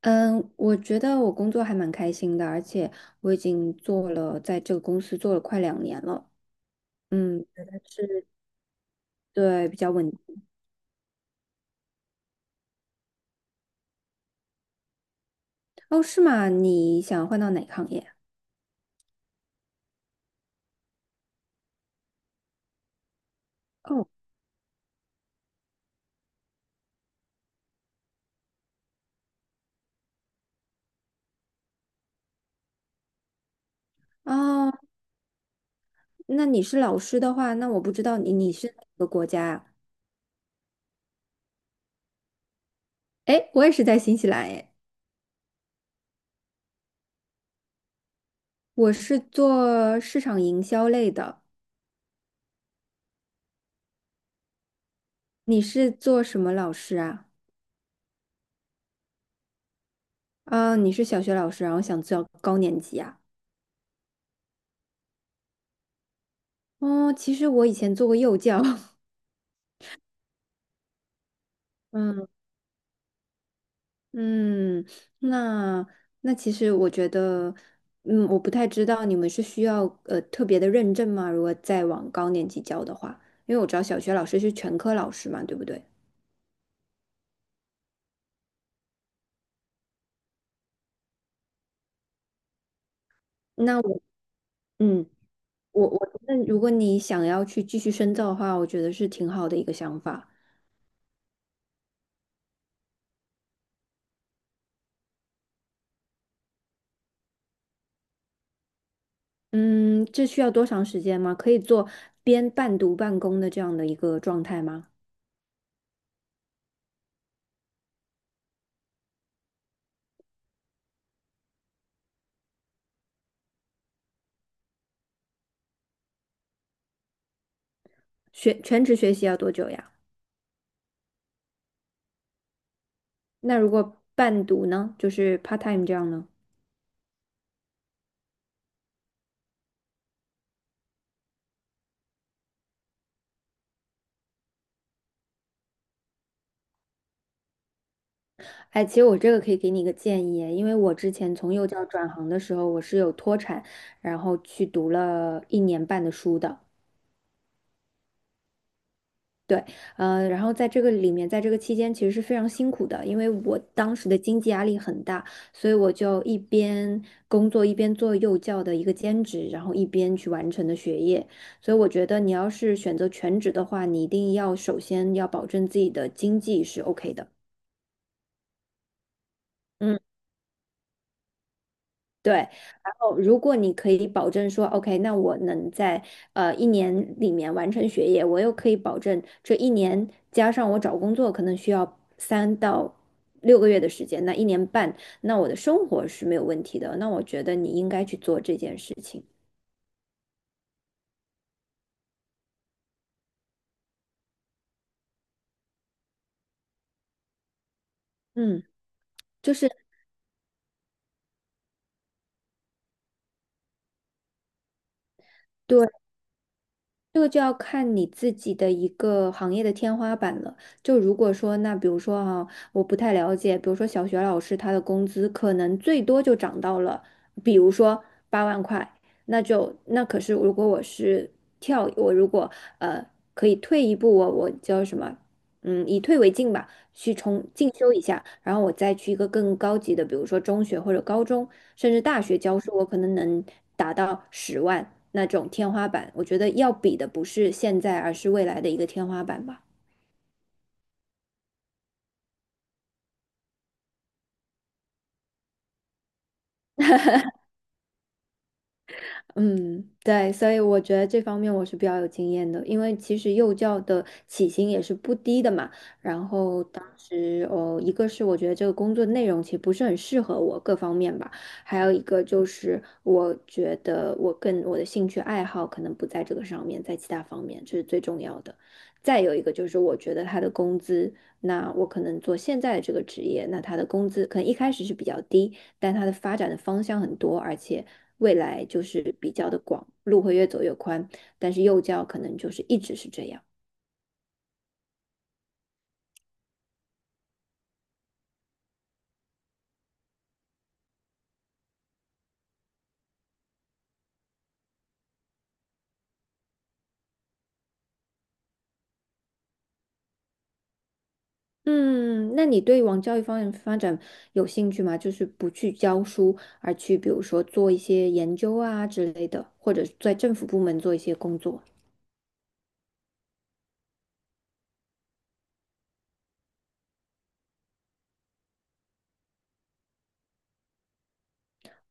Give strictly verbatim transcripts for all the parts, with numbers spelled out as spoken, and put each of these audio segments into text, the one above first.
嗯，我觉得我工作还蛮开心的，而且我已经做了，在这个公司做了快两年了。嗯，觉得是对，比较稳。哦，是吗？你想换到哪个行业？哦，哦，那你是老师的话，那我不知道你你是哪个国家啊？哎，我也是在新西兰哎，我是做市场营销类的。你是做什么老师啊？啊，你是小学老师，然后想教高年级啊？哦，其实我以前做过幼教。嗯。嗯，那那其实我觉得，嗯，我不太知道你们是需要呃特别的认证吗？如果再往高年级教的话，因为我知道小学老师是全科老师嘛，对不对？那我，嗯，我我那如果你想要去继续深造的话，我觉得是挺好的一个想法。嗯，这需要多长时间吗？可以做边半读半工的这样的一个状态吗？学全职学习要多久呀？那如果半读呢，就是 part time 这样呢？哎，其实我这个可以给你一个建议，因为我之前从幼教转行的时候，我是有脱产，然后去读了一年半的书的。对，呃，然后在这个里面，在这个期间其实是非常辛苦的，因为我当时的经济压力很大，所以我就一边工作一边做幼教的一个兼职，然后一边去完成的学业。所以我觉得你要是选择全职的话，你一定要首先要保证自己的经济是 OK 的。嗯。对，然后如果你可以保证说，OK，那我能在呃一年里面完成学业，我又可以保证这一年加上我找工作可能需要三到六个月的时间，那一年半，那我的生活是没有问题的。那我觉得你应该去做这件事情。嗯，就是对，这个就要看你自己的一个行业的天花板了。就如果说，那比如说哈、我不太了解，比如说小学老师他的工资可能最多就涨到了，比如说八万块，那就那可是如果我是跳，我如果呃可以退一步，我我叫什么，嗯，以退为进吧。去重进修一下，然后我再去一个更高级的，比如说中学或者高中，甚至大学教书，我可能能达到十万那种天花板。我觉得要比的不是现在，而是未来的一个天花板吧。嗯，对，所以我觉得这方面我是比较有经验的，因为其实幼教的起薪也是不低的嘛。然后当时，哦，一个是我觉得这个工作内容其实不是很适合我各方面吧，还有一个就是我觉得我跟我的兴趣爱好可能不在这个上面，在其他方面这是最重要的。再有一个就是我觉得他的工资，那我可能做现在的这个职业，那他的工资可能一开始是比较低，但他的发展的方向很多，而且。未来就是比较的广，路会越走越宽，但是幼教可能就是一直是这样。嗯，那你对往教育方面发展有兴趣吗？就是不去教书，而去比如说做一些研究啊之类的，或者在政府部门做一些工作。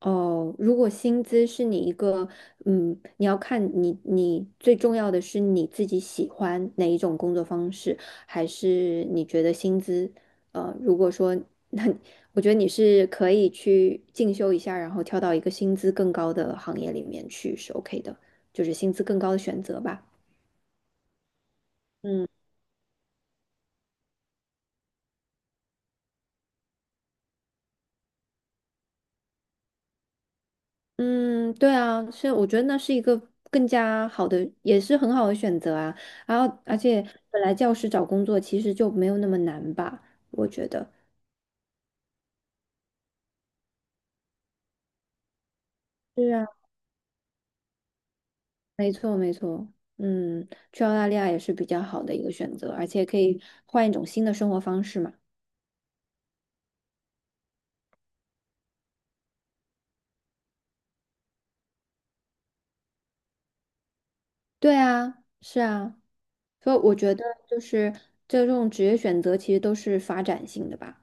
哦，如果薪资是你一个，嗯，你要看你你最重要的是你自己喜欢哪一种工作方式，还是你觉得薪资，呃，如果说 那我觉得你是可以去进修一下，然后跳到一个薪资更高的行业里面去是 OK 的，就是薪资更高的选择吧。嗯，嗯，对啊，所以我觉得那是一个更加好的，也是很好的选择啊。然后，而且本来教师找工作其实就没有那么难吧，我觉得。对啊，没错，没错。嗯，去澳大利亚也是比较好的一个选择，而且可以换一种新的生活方式嘛。对啊，是啊，所以我觉得就是这种职业选择其实都是发展性的吧，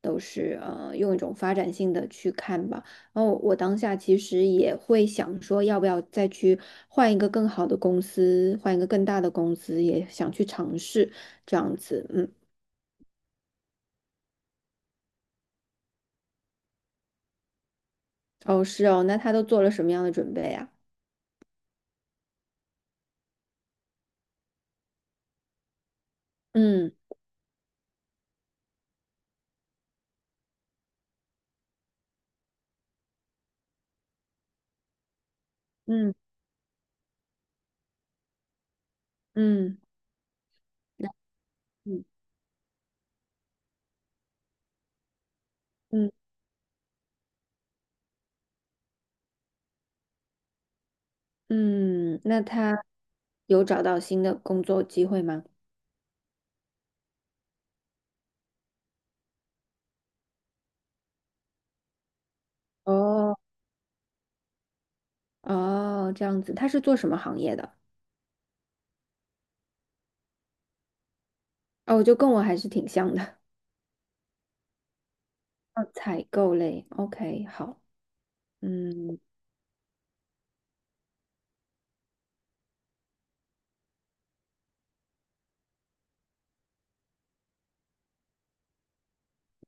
都是呃用一种发展性的去看吧。然后我当下其实也会想说，要不要再去换一个更好的公司，换一个更大的公司，也想去尝试这样子。嗯，哦，是哦，那他都做了什么样的准备啊？嗯嗯嗯，那嗯嗯嗯，嗯那他有找到新的工作机会吗？哦。哦，这样子，他是做什么行业的？哦，就跟我还是挺像的，哦，采购类。OK，好，嗯，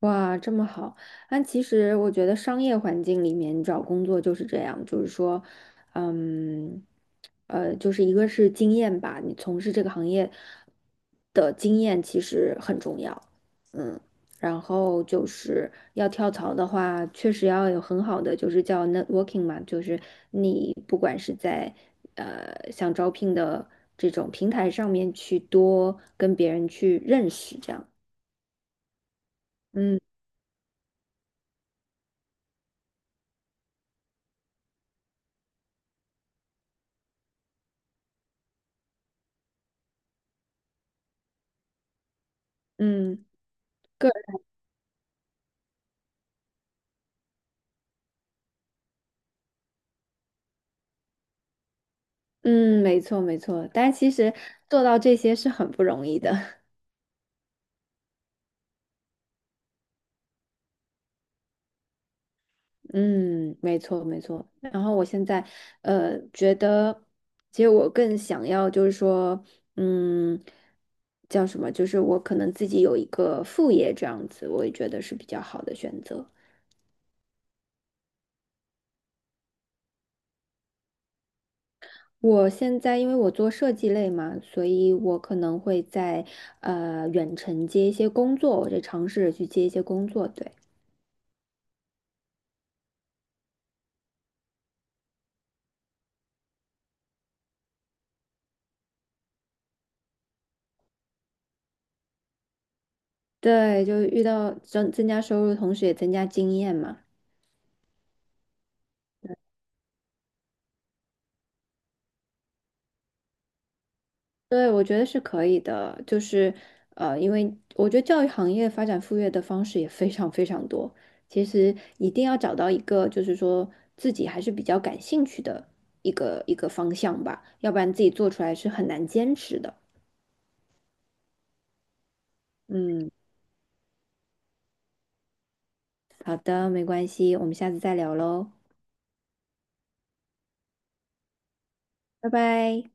哇，这么好！但其实我觉得商业环境里面找工作就是这样，就是说，嗯，呃，就是一个是经验吧，你从事这个行业的经验其实很重要，嗯，然后就是要跳槽的话，确实要有很好的就是叫 networking 嘛，就是你不管是在呃想招聘的这种平台上面去多跟别人去认识，这样，嗯嗯。个。嗯，没错没错，但其实做到这些是很不容易的。嗯，没错没错。然后我现在呃觉得，其实我更想要就是说，嗯，叫什么？就是我可能自己有一个副业这样子，我也觉得是比较好的选择。我现在因为我做设计类嘛，所以我可能会在呃远程接一些工作，我就尝试着去接一些工作，对。对，就遇到增增加收入，同时也增加经验嘛。对，我觉得是可以的，就是呃，因为我觉得教育行业发展副业的方式也非常非常多。其实一定要找到一个，就是说自己还是比较感兴趣的一个一个方向吧，要不然自己做出来是很难坚持的。嗯，好的，没关系，我们下次再聊喽，拜拜。